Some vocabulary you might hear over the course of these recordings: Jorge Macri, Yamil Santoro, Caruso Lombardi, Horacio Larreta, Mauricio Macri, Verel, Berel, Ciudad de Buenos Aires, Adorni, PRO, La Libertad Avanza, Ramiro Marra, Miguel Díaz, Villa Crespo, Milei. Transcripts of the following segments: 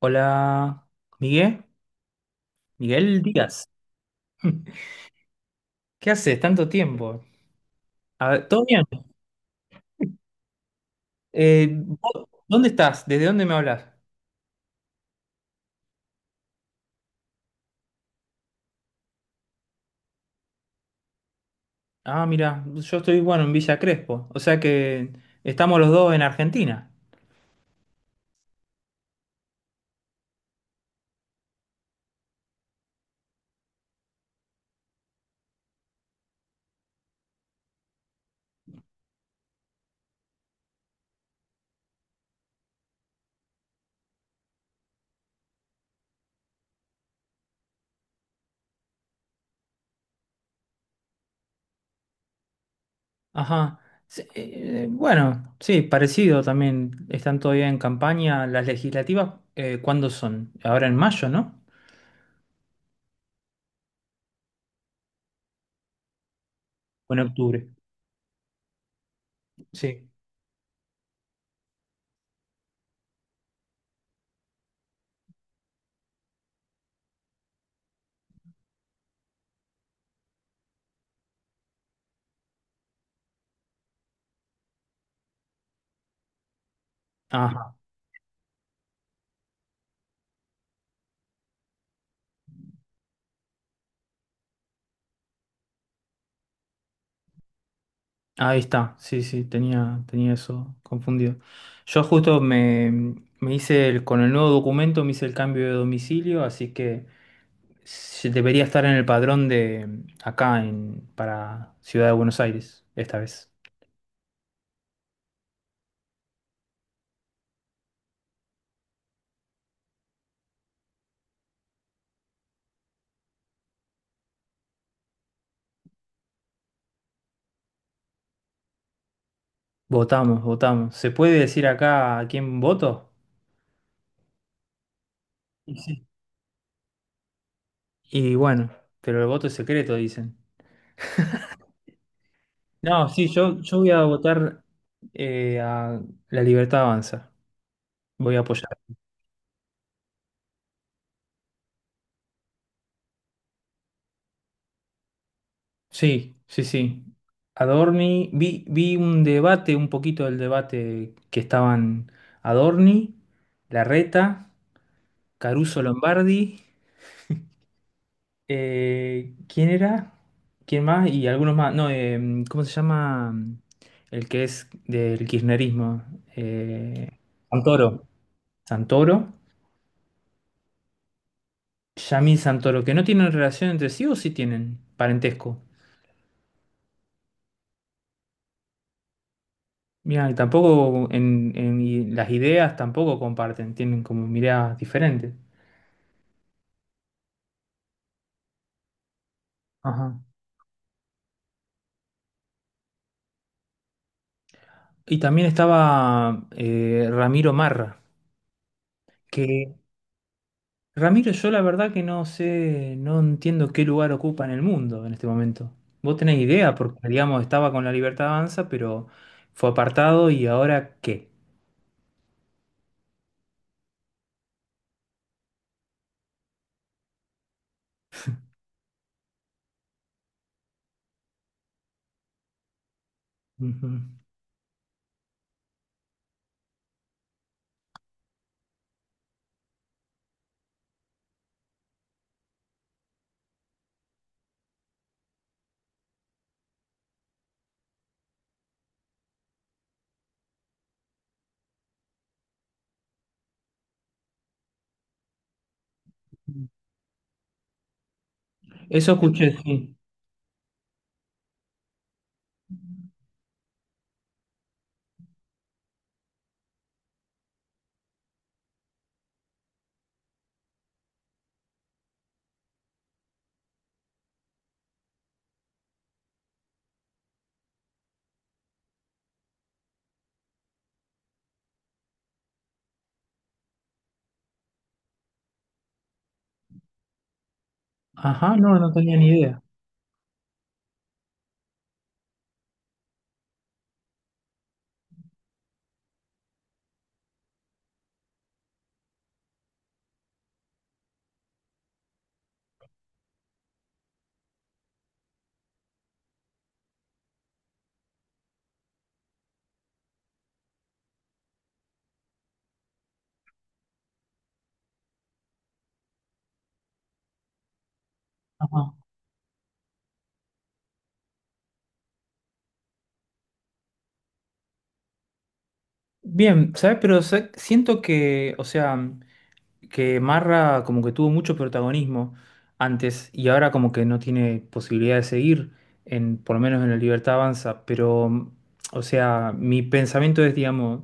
Hola, Miguel, Miguel Díaz. ¿Qué haces? Tanto tiempo. A ver, ¿todo bien? ¿Vos ¿dónde estás? ¿Desde dónde me hablas? Ah, mira, yo estoy, bueno, en Villa Crespo. O sea que estamos los dos en Argentina. Ajá. Sí, bueno, sí, parecido también. Están todavía en campaña las legislativas. ¿Cuándo son? Ahora en mayo, ¿no? O en octubre. Sí. Ah, ahí está, sí, sí, tenía eso confundido. Yo justo me hice con el nuevo documento, me hice el cambio de domicilio, así que debería estar en el padrón de acá en, para Ciudad de Buenos Aires, esta vez. Votamos, votamos. ¿Se puede decir acá a quién voto? Y sí. Y bueno, pero el voto es secreto, dicen. No, sí, yo voy a votar a La Libertad Avanza. Voy a apoyar. Sí, sí, sí. Adorni, vi un debate, un poquito del debate que estaban Adorni, Larreta, Caruso Lombardi, ¿quién era? ¿Quién más? Y algunos más. No, ¿cómo se llama el que es del kirchnerismo? Eh, Santoro. Santoro. Yamil Santoro, que no tienen relación entre sí o sí tienen parentesco. Mira, y tampoco las ideas tampoco comparten, tienen como miradas diferentes. Ajá. Y también estaba Ramiro Marra, que Ramiro yo la verdad que no sé, no entiendo qué lugar ocupa en el mundo en este momento. Vos tenés idea, porque digamos estaba con la Libertad Avanza, pero fue apartado y ahora qué. Ujú. Eso escuché, sí. Ajá, no, no tenía ni idea. Ajá. Bien, ¿sabes? Pero siento que, o sea, que Marra como que tuvo mucho protagonismo antes y ahora como que no tiene posibilidad de seguir, en, por lo menos en la Libertad Avanza, pero, o sea, mi pensamiento es, digamos,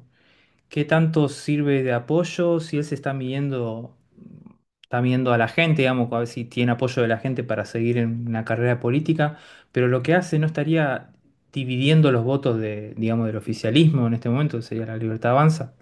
¿qué tanto sirve de apoyo si él se está midiendo a la gente, digamos, a ver si tiene apoyo de la gente para seguir en una carrera política, pero lo que hace no estaría dividiendo los votos de, digamos, del oficialismo en este momento, que sería la Libertad Avanza?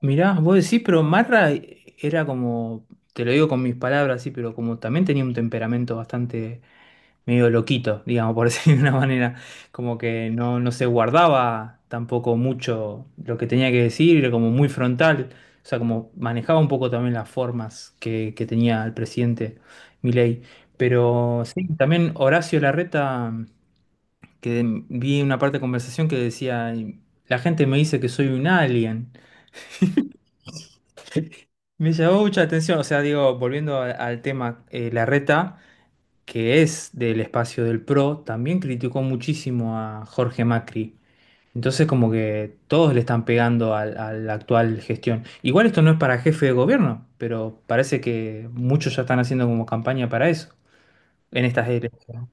Mirá, vos decís, pero Marra era como, te lo digo con mis palabras, sí, pero como también tenía un temperamento bastante medio loquito, digamos, por decirlo de una manera, como que no, no se guardaba tampoco mucho lo que tenía que decir, era como muy frontal, o sea, como manejaba un poco también las formas que tenía el presidente Milei. Pero sí, también Horacio Larreta, que vi una parte de conversación que decía, la gente me dice que soy un alien. Me llamó mucha atención, o sea, digo, volviendo al tema, Larreta, que es del espacio del PRO, también criticó muchísimo a Jorge Macri. Entonces, como que todos le están pegando a la actual gestión. Igual esto no es para jefe de gobierno, pero parece que muchos ya están haciendo como campaña para eso, en estas elecciones.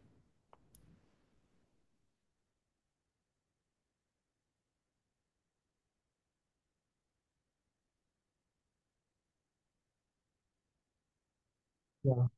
Claro.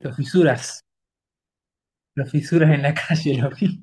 Los fisuras, los fisuras en la calle, lo vi.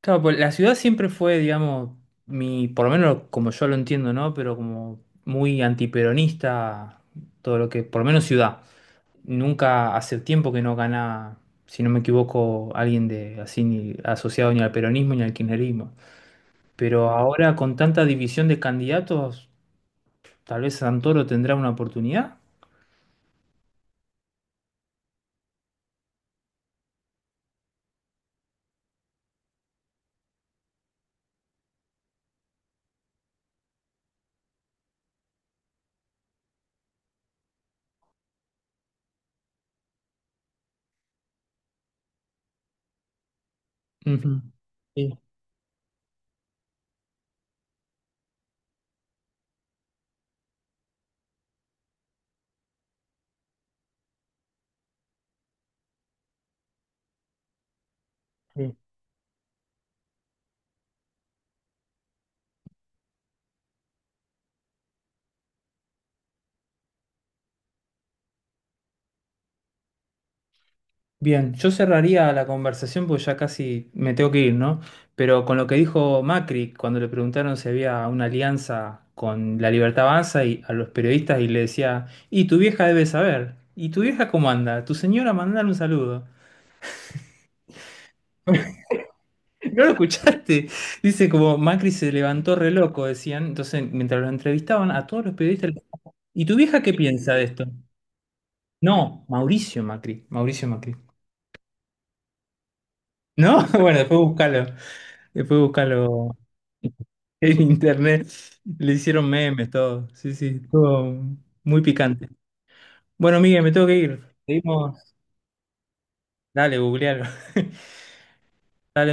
Claro, pues la ciudad siempre fue, digamos, mi, por lo menos como yo lo entiendo, ¿no? Pero como muy antiperonista, todo lo que, por lo menos ciudad. Nunca hace tiempo que no gana, si no me equivoco, alguien de así ni asociado ni al peronismo ni al kirchnerismo. Pero ahora con tanta división de candidatos, tal vez Santoro tendrá una oportunidad. Ujú. Sí, sí. Bien, yo cerraría la conversación porque ya casi me tengo que ir, ¿no? Pero con lo que dijo Macri cuando le preguntaron si había una alianza con La Libertad Avanza y a los periodistas y le decía, y tu vieja debe saber, ¿y tu vieja cómo anda? Tu señora mandar un saludo. ¿No lo escuchaste? Dice como Macri se levantó re loco, decían. Entonces, mientras lo entrevistaban, a todos los periodistas, ¿y tu vieja qué piensa de esto? No, Mauricio Macri, Mauricio Macri. ¿No? Bueno, después búscalo en internet. Le hicieron memes, todo. Sí, sí, estuvo muy picante. Bueno, Miguel, me tengo que ir. Seguimos. Dale, googlealo. Dale, Miguel.